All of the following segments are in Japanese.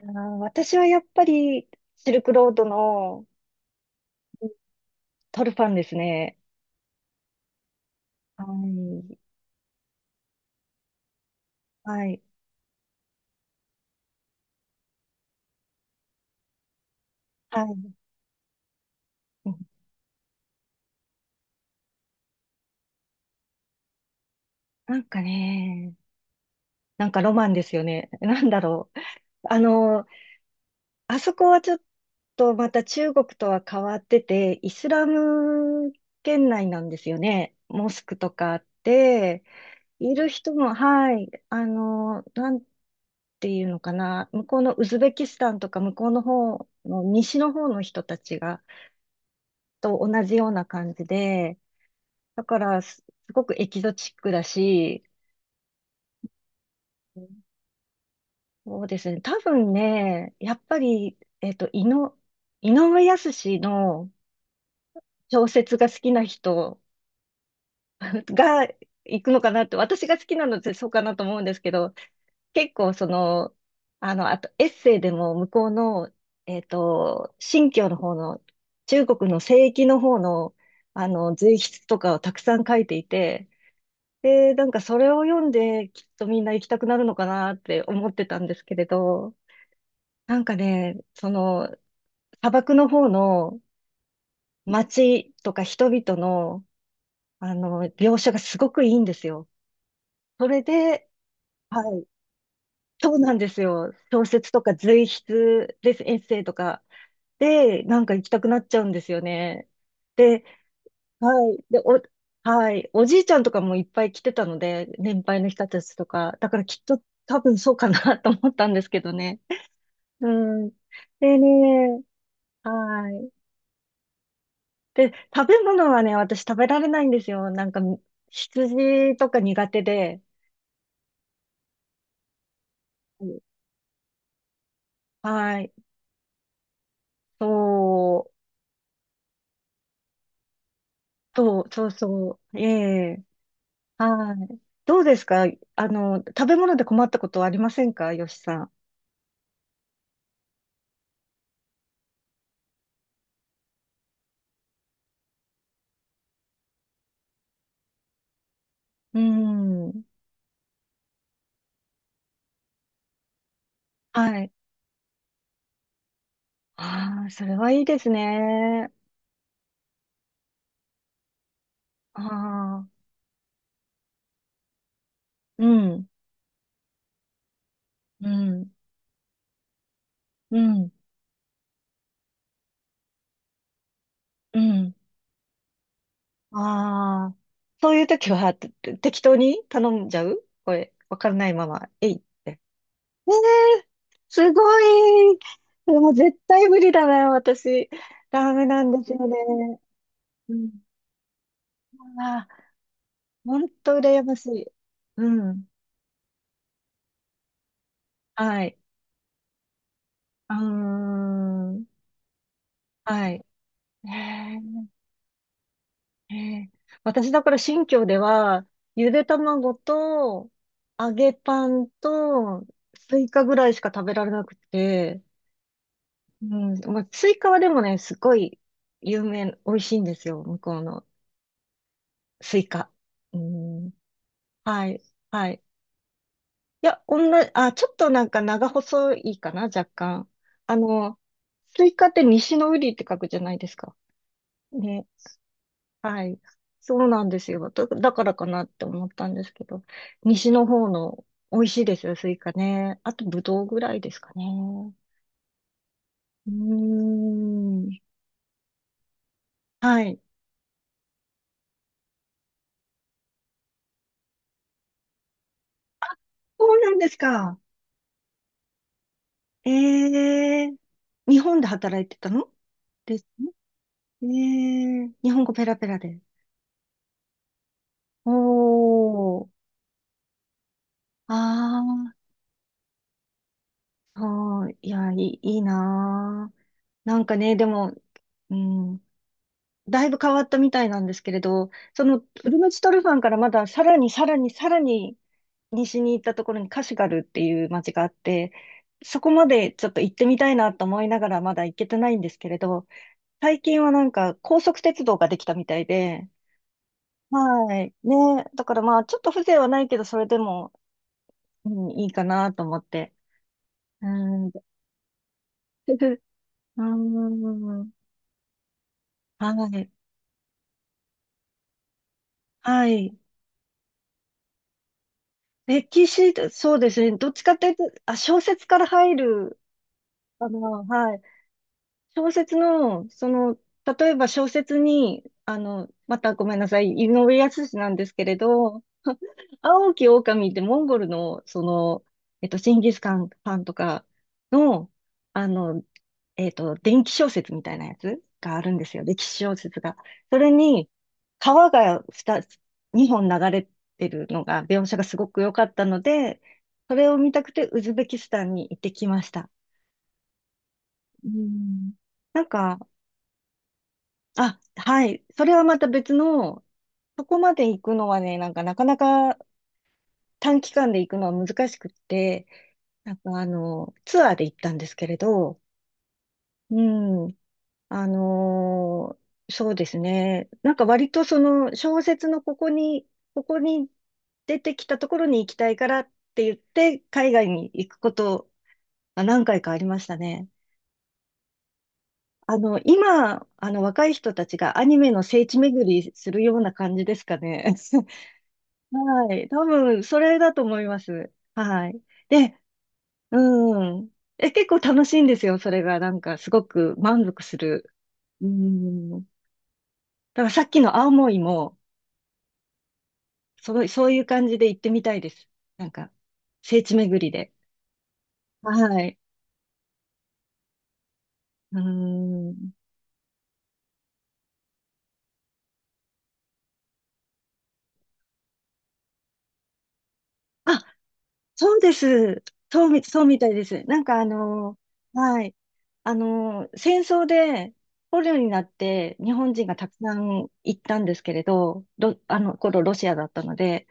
あー私はやっぱりシルクロードのトルファンですね。はい。はい。はい。うん。なんかね、なんかロマンですよね。なんだろう。あの、あそこはちょっとまた中国とは変わってて、イスラム圏内なんですよね。モスクとかあって、いる人も、はい。あの、なんていうのかな。向こうのウズベキスタンとか向こうの方の西の方の人たちが、と同じような感じで、だからすごくエキゾチックだし、そうですね。多分ね、やっぱり、井上靖の小説が好きな人が行くのかなって、私が好きなのってそうかなと思うんですけど、結構その、あの、あとエッセイでも向こうの、新疆の方の、中国の西域の方の、あの、随筆とかをたくさん書いていて、で、なんかそれを読んで、きっとみんな行きたくなるのかなって思ってたんですけれど、なんかね、その、砂漠の方の街とか人々の、あの、描写がすごくいいんですよ。それで、はい、そうなんですよ。小説とか随筆です、エッセイとかで、なんか行きたくなっちゃうんですよね。で、はい。で、お、はい。おじいちゃんとかもいっぱい来てたので、年配の人たちとか。だからきっと多分そうかな と思ったんですけどね。うん。でね、はい。で、食べ物はね、私食べられないんですよ。なんか、羊とか苦手で。うん。はい。そう、そう、そうそう。ええ。はい。どうですか？あの、食べ物で困ったことはありませんか、よしさん。うん。はい。ああ、それはいいですね。ああ、うん、うん、うん、うん。ああ、そういう時はて適当に頼んじゃうこれ、わからないまま、えいって。ええ。すごい。でも絶対無理だな、私。ダメなんですよね。うん。ああ、本当羨ましい。うん。はい。うーん。はい。ええ。ええ。私だから新居では、ゆで卵と、揚げパンと、スイカぐらいしか食べられなくて、うん、まあ、スイカはでもね、すごい有名、美味しいんですよ、向こうのスイカ。うん、はい、はい。いや、女、あ、ちょっとなんか長細いかな、若干。あの、スイカって西の瓜って書くじゃないですか。ね。はい。そうなんですよ。だからかなって思ったんですけど、西の方の美味しいですよ、スイカね。あと、ぶどうぐらいですかね。うーん。はい。そうなんですか。ええー、日本で働いてたのですね。ええー、日本語ペラペラで。おー。ああ、そい。いや、いい、いいなー。なんかね、でも、うん。だいぶ変わったみたいなんですけれど、そのウルムチトルファンからまださらにさらにさらに西に行ったところにカシュガルっていう街があって、そこまでちょっと行ってみたいなと思いながらまだ行けてないんですけれど、最近はなんか高速鉄道ができたみたいで、はい。ね。だからまあちょっと風情はないけど、それでも、うん、いいかなと思って。うん。うん。はい。はい。歴史、そうですね。どっちかというと、あ、小説から入る。あの、はい。小説の、その、例えば小説に、あの、またごめんなさい、井上靖なんですけれど、青き狼ってモンゴルの、その、ジンギスカンパンとかの、あの、伝記小説みたいなやつがあるんですよ、歴史小説が。それに、川が2、2本流れてるのが、描写がすごく良かったので、それを見たくてウズベキスタンに行ってきました。うん。なんか、あ、はい。それはまた別の、そこまで行くのはね、なんかなかなか短期間で行くのは難しくって、なんかあの、ツアーで行ったんですけれど、うん、あのー、そうですね。なんか割とその小説のここに、ここに出てきたところに行きたいからって言って、海外に行くことが何回かありましたね。あの、今、あの、若い人たちがアニメの聖地巡りするような感じですかね。はい。多分、それだと思います。はい。で、うん。え、結構楽しいんですよ。それが、なんか、すごく満足する。うん。だからさっきの青森も、すごい、そういう感じで行ってみたいいでです、なんか聖地巡りで。はい。うん。あ、そうです。そうみたいです。なんかあの、はい。あの、戦争で捕虜になって日本人がたくさん行ったんですけれど、あの頃ロシアだったので、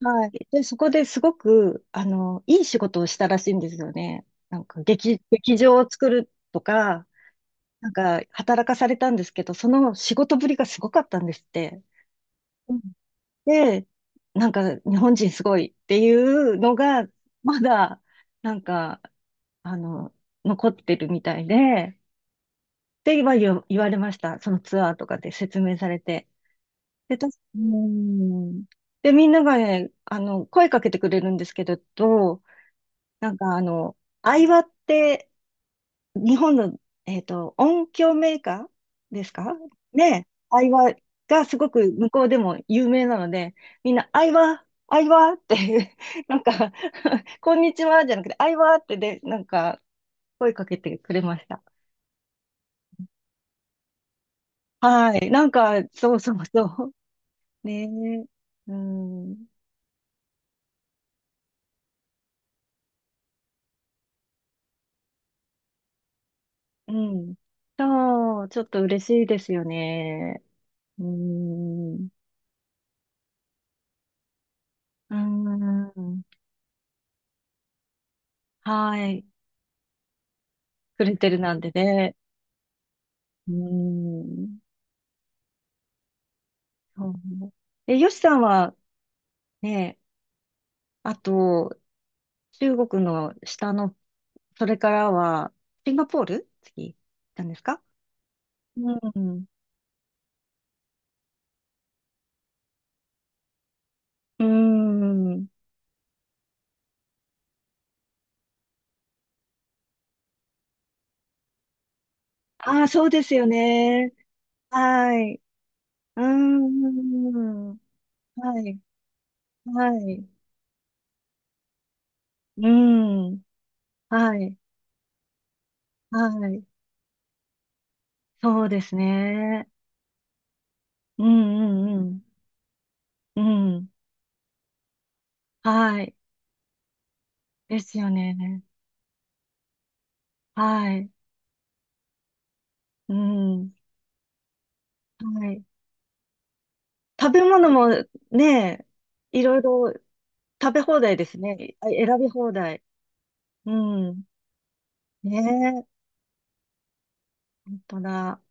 はい。で、そこですごく、あの、いい仕事をしたらしいんですよね。なんか劇場を作るとか、なんか働かされたんですけど、その仕事ぶりがすごかったんですって。で、なんか日本人すごいっていうのが、まだ、なんか、あの、残ってるみたいで、って言われました。そのツアーとかで説明されて。で、た、うーん。で、みんながね、あの、声かけてくれるんですけれど、なんかあの、相葉って日本の、音響メーカーですかね、アイワがすごく向こうでも有名なので、みんな、アイワ、アイワって なんか こんにちはじゃなくて、アイワってで、なんか、声かけてくれました。はい。なんか、そうそうそう。ねえ。うん。うん。そう、ちょっと嬉しいですよね。うん。うん。はい。くれてるなんでね。うん。うん。え、よしさんはね、あと、中国の下の、それからは、シンガポール次、行ったんですか？うん。うん。ああ、そうですよね。はい。うーん。はい。はい。うーん。はい。はい。そうですね。うんうんうん。うん。はい。ですよね。はい。うん。はい。食べ物もね、いろいろ食べ放題ですね。あ、選び放題。うん。ねえ、本当だ。